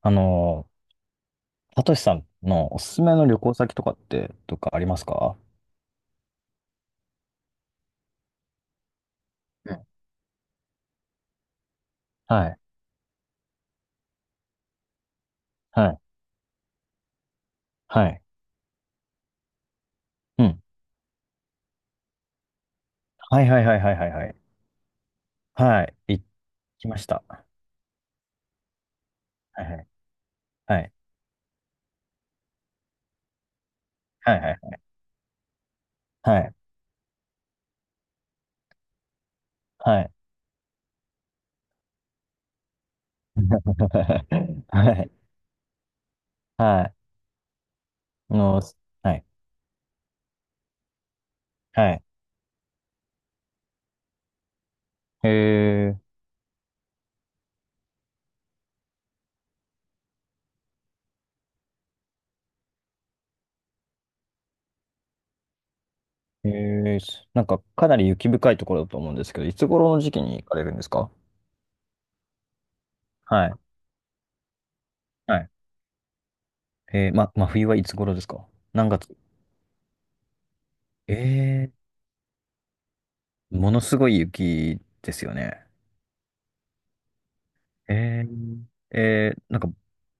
あの、サトシさんのおすすめの旅行先とかって、とかありますか？はい、はい、はい。うん。はいはいはいはいはいはい。はい、行きました。はいはい、はい、はい、はい、はい、はい。はい、はい。あの、はい、はい。へえー、へえー、なんかかなり雪深いところだと思うんですけど、いつ頃の時期に行かれるんですか？はい、はい。ま、真冬はいつ頃ですか？何月？えものすごい雪ですよね。えー、えー、なんか、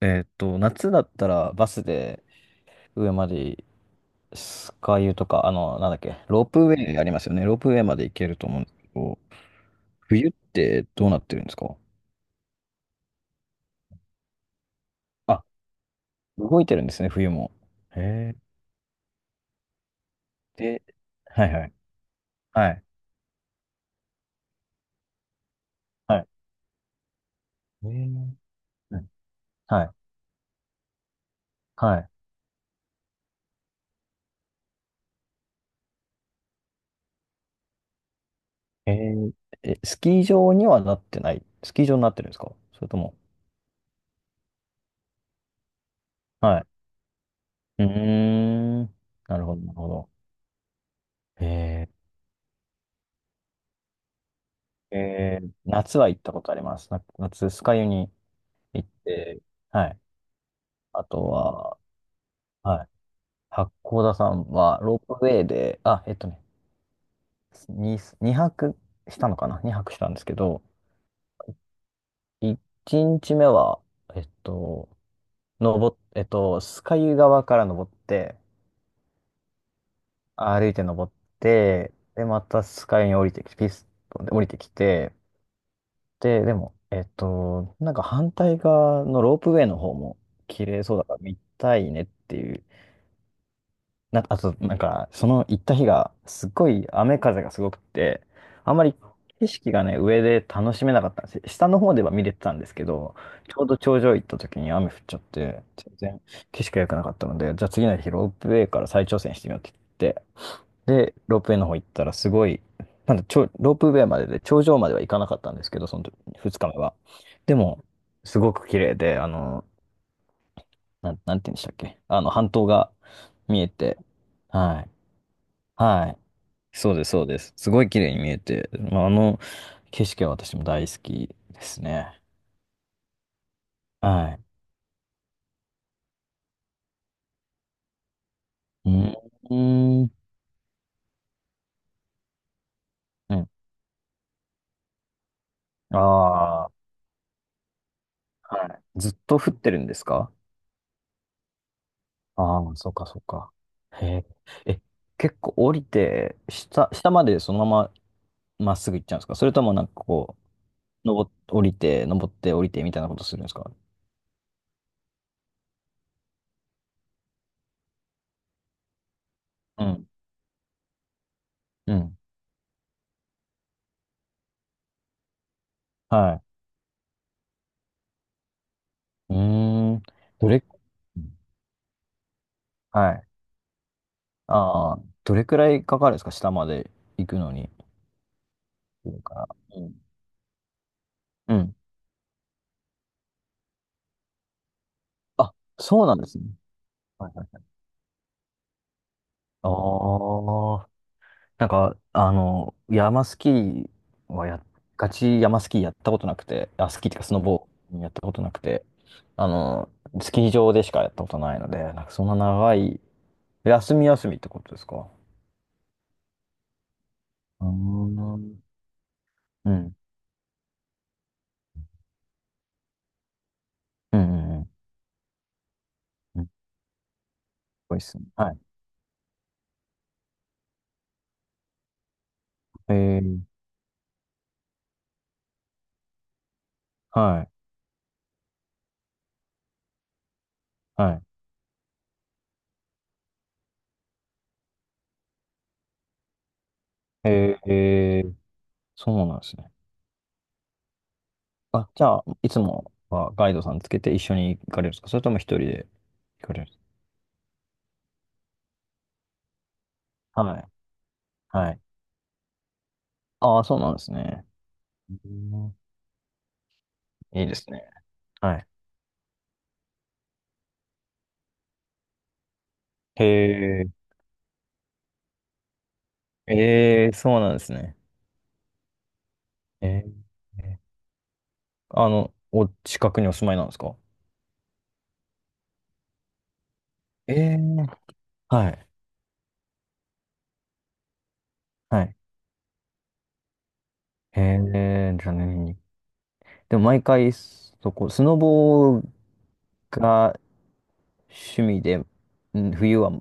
夏だったらバスで上までスカイユとか、あの、なんだっけ、ロープウェイありますよね。ロープウェイまで行けると思うんですけど、冬ってどうなってるんですか？あ、動いてるんですね、冬も。へえ。で、はいはい。はい。はい。えー、うん、はい。はい。えー、え、スキー場にはなってない。スキー場になってるんですかそれとも。はい。うーん。なるほど、なるほど。へえ。えー、夏は行ったことあります。な夏、酸ヶ湯に行って、はい。あとは、はい。八甲田山はロープウェイで、あ、えっとね、2、二泊したのかな？ 2 泊したんですけど、1日目は、えっと、登っ、酸ヶ湯側から登って、歩いて登って、で、また酸ヶ湯に降りてきて、ピストンで降りてきて、で、でも、えっと、なんか反対側のロープウェイの方も綺麗そうだから見たいねっていう。な、あと、なんか、その行った日が、すっごい雨風がすごくて、あんまり景色がね、上で楽しめなかったんですよ。下の方では見れてたんですけど、ちょうど頂上行った時に雨降っちゃって、全然景色が良くなかったので、じゃあ次の日ロープウェイから再挑戦してみようって言って、で、ロープウェイの方行ったら、すごい、なんだ、ちょ、ロープウェイまでで、頂上までは行かなかったんですけど、その2日目は。でも、すごく綺麗で、あの、なん、なんて言うんでしたっけあの、半島が見えて、はい。はい。そうです、そうです。すごい綺麗に見えて、まあ、あの景色は私も大好きですね。はい。うん。うん。ああー、はい。ずっと降ってるんですか？ああ、そっかそっか。へえ。え、結構降りて、下、下までそのまままっすぐ行っちゃうんですかそれともなんかこう、登っ、降りて、登って降りてみたいなことするんですか？うん。うん。はい。うーん。どれ、うん、はい。ああ、どれくらいかかるんですか下まで行くのに。それから、うん。うん。あ、そうなんですね。はいはいはい。ああ。なんか、あの、山スキーはや、ガチ山スキーやったことなくて、あ、スキーっていうかスノボーやったことなくて、あの、スキー場でしかやったことないので、なんかそんな長い、休み休みってことですか？うーん。うん。うんうんうん。うん、すごいっすね。はい。えー、はい。はい。えー、えー、そうなんですね。あ、じゃあ、いつもはガイドさんつけて一緒に行かれるんですかそれとも一人で行かれるんですか？はい。はい。ああ、そうなんですね。うん、いいですね。はい。へえ、ええ、そうなんですね。ええ、あの、お近くにお住まいなんですか？ええ、はい。はい。へえ、じゃあ年に。でも毎回、そこ、スノボが趣味で、ん冬は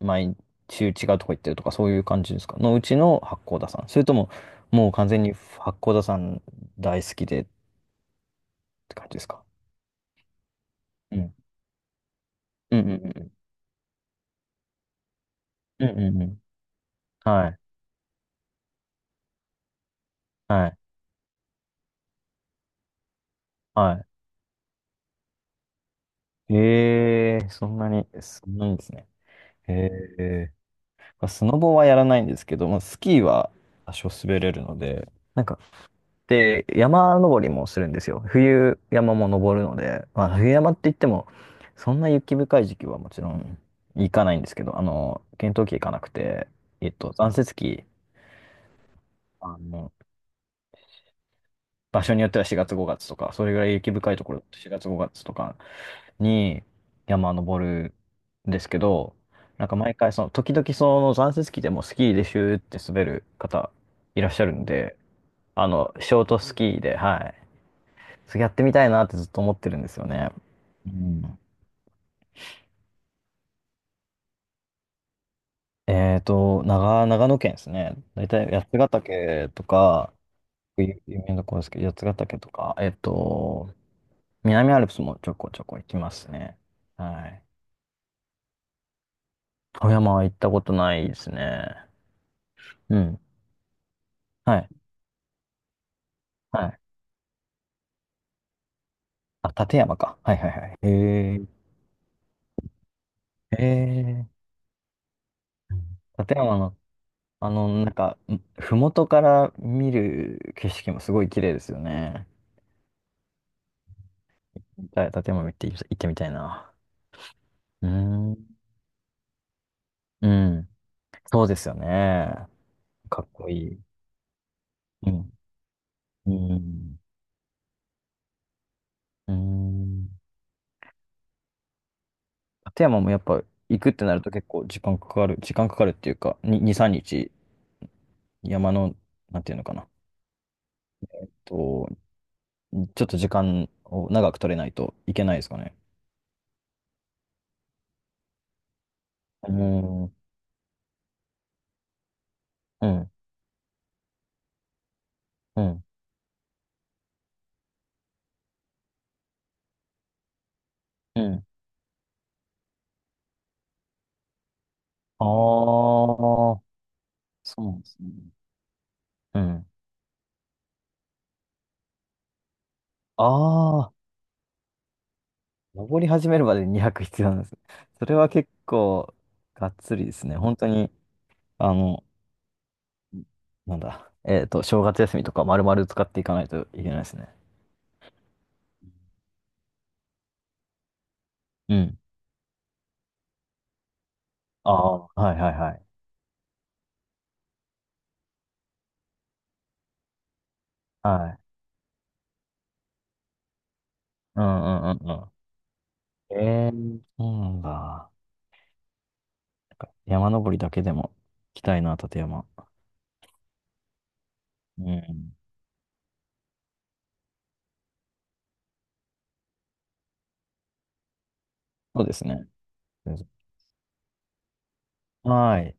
毎週違うとこ行ってるとか、そういう感じですかのうちの八甲田山。それとも、もう完全に八甲田山大好きでって感じですか？うん。うんうんうんうん。うんうんうん。はい。はい。はい。ええ、そんなに、そんなにですね。ええ。まあスノボはやらないんですけど、まあ、スキーは多少滑れるので、なんか、で、山登りもするんですよ。冬山も登るので、まあ、冬山って言っても、そんな雪深い時期はもちろん行かないんですけど、あの、検討期行かなくて、えっと、残雪期、あの、場所によっては4月5月とか、それぐらい雪深いところ、4月5月とかに山登るんですけど、なんか毎回その、時々その残雪機でもスキーでシューって滑る方いらっしゃるんで、あの、ショートスキーで、はい。それやってみたいなってずっと思ってるんですよね。うん。えっと、長、長野県ですね。大体八ヶ岳とか、有有名なところですけど、八ヶ岳とか、えっと、南アルプスもちょこちょこ行きますね。はい。富山は行ったことないですね。うん。はい。はい。あ、立山か。はいはいはい。へえ。へえ。立山の、あの、なんか、ん麓から見る景色もすごい綺麗ですよね。じゃ立山見て、行ってみたいな。うーん。うん。そうですよね。かっこいい。うん。うん。うん。立山もやっぱ行くってなると結構時間かかる。時間かかるっていうか、に、2、3日山の、なんていうのかな。と、ちょっと時間を長く取れないといけないですかね。うん。うん、うん、うん。ああ、そうなんですね。うん。ああ、登り始めるまでに200必要なんですね。それは結構、がっつりですね。本当に、あの、なんだ、えっと、正月休みとか丸々使っていかないといけないですね。うん。ああ、はいはいはい。はい。うんうんうんうん。ええ、そうなんだ。なんか山登りだけでも行きたいな、立山。うん。そうですね。はい。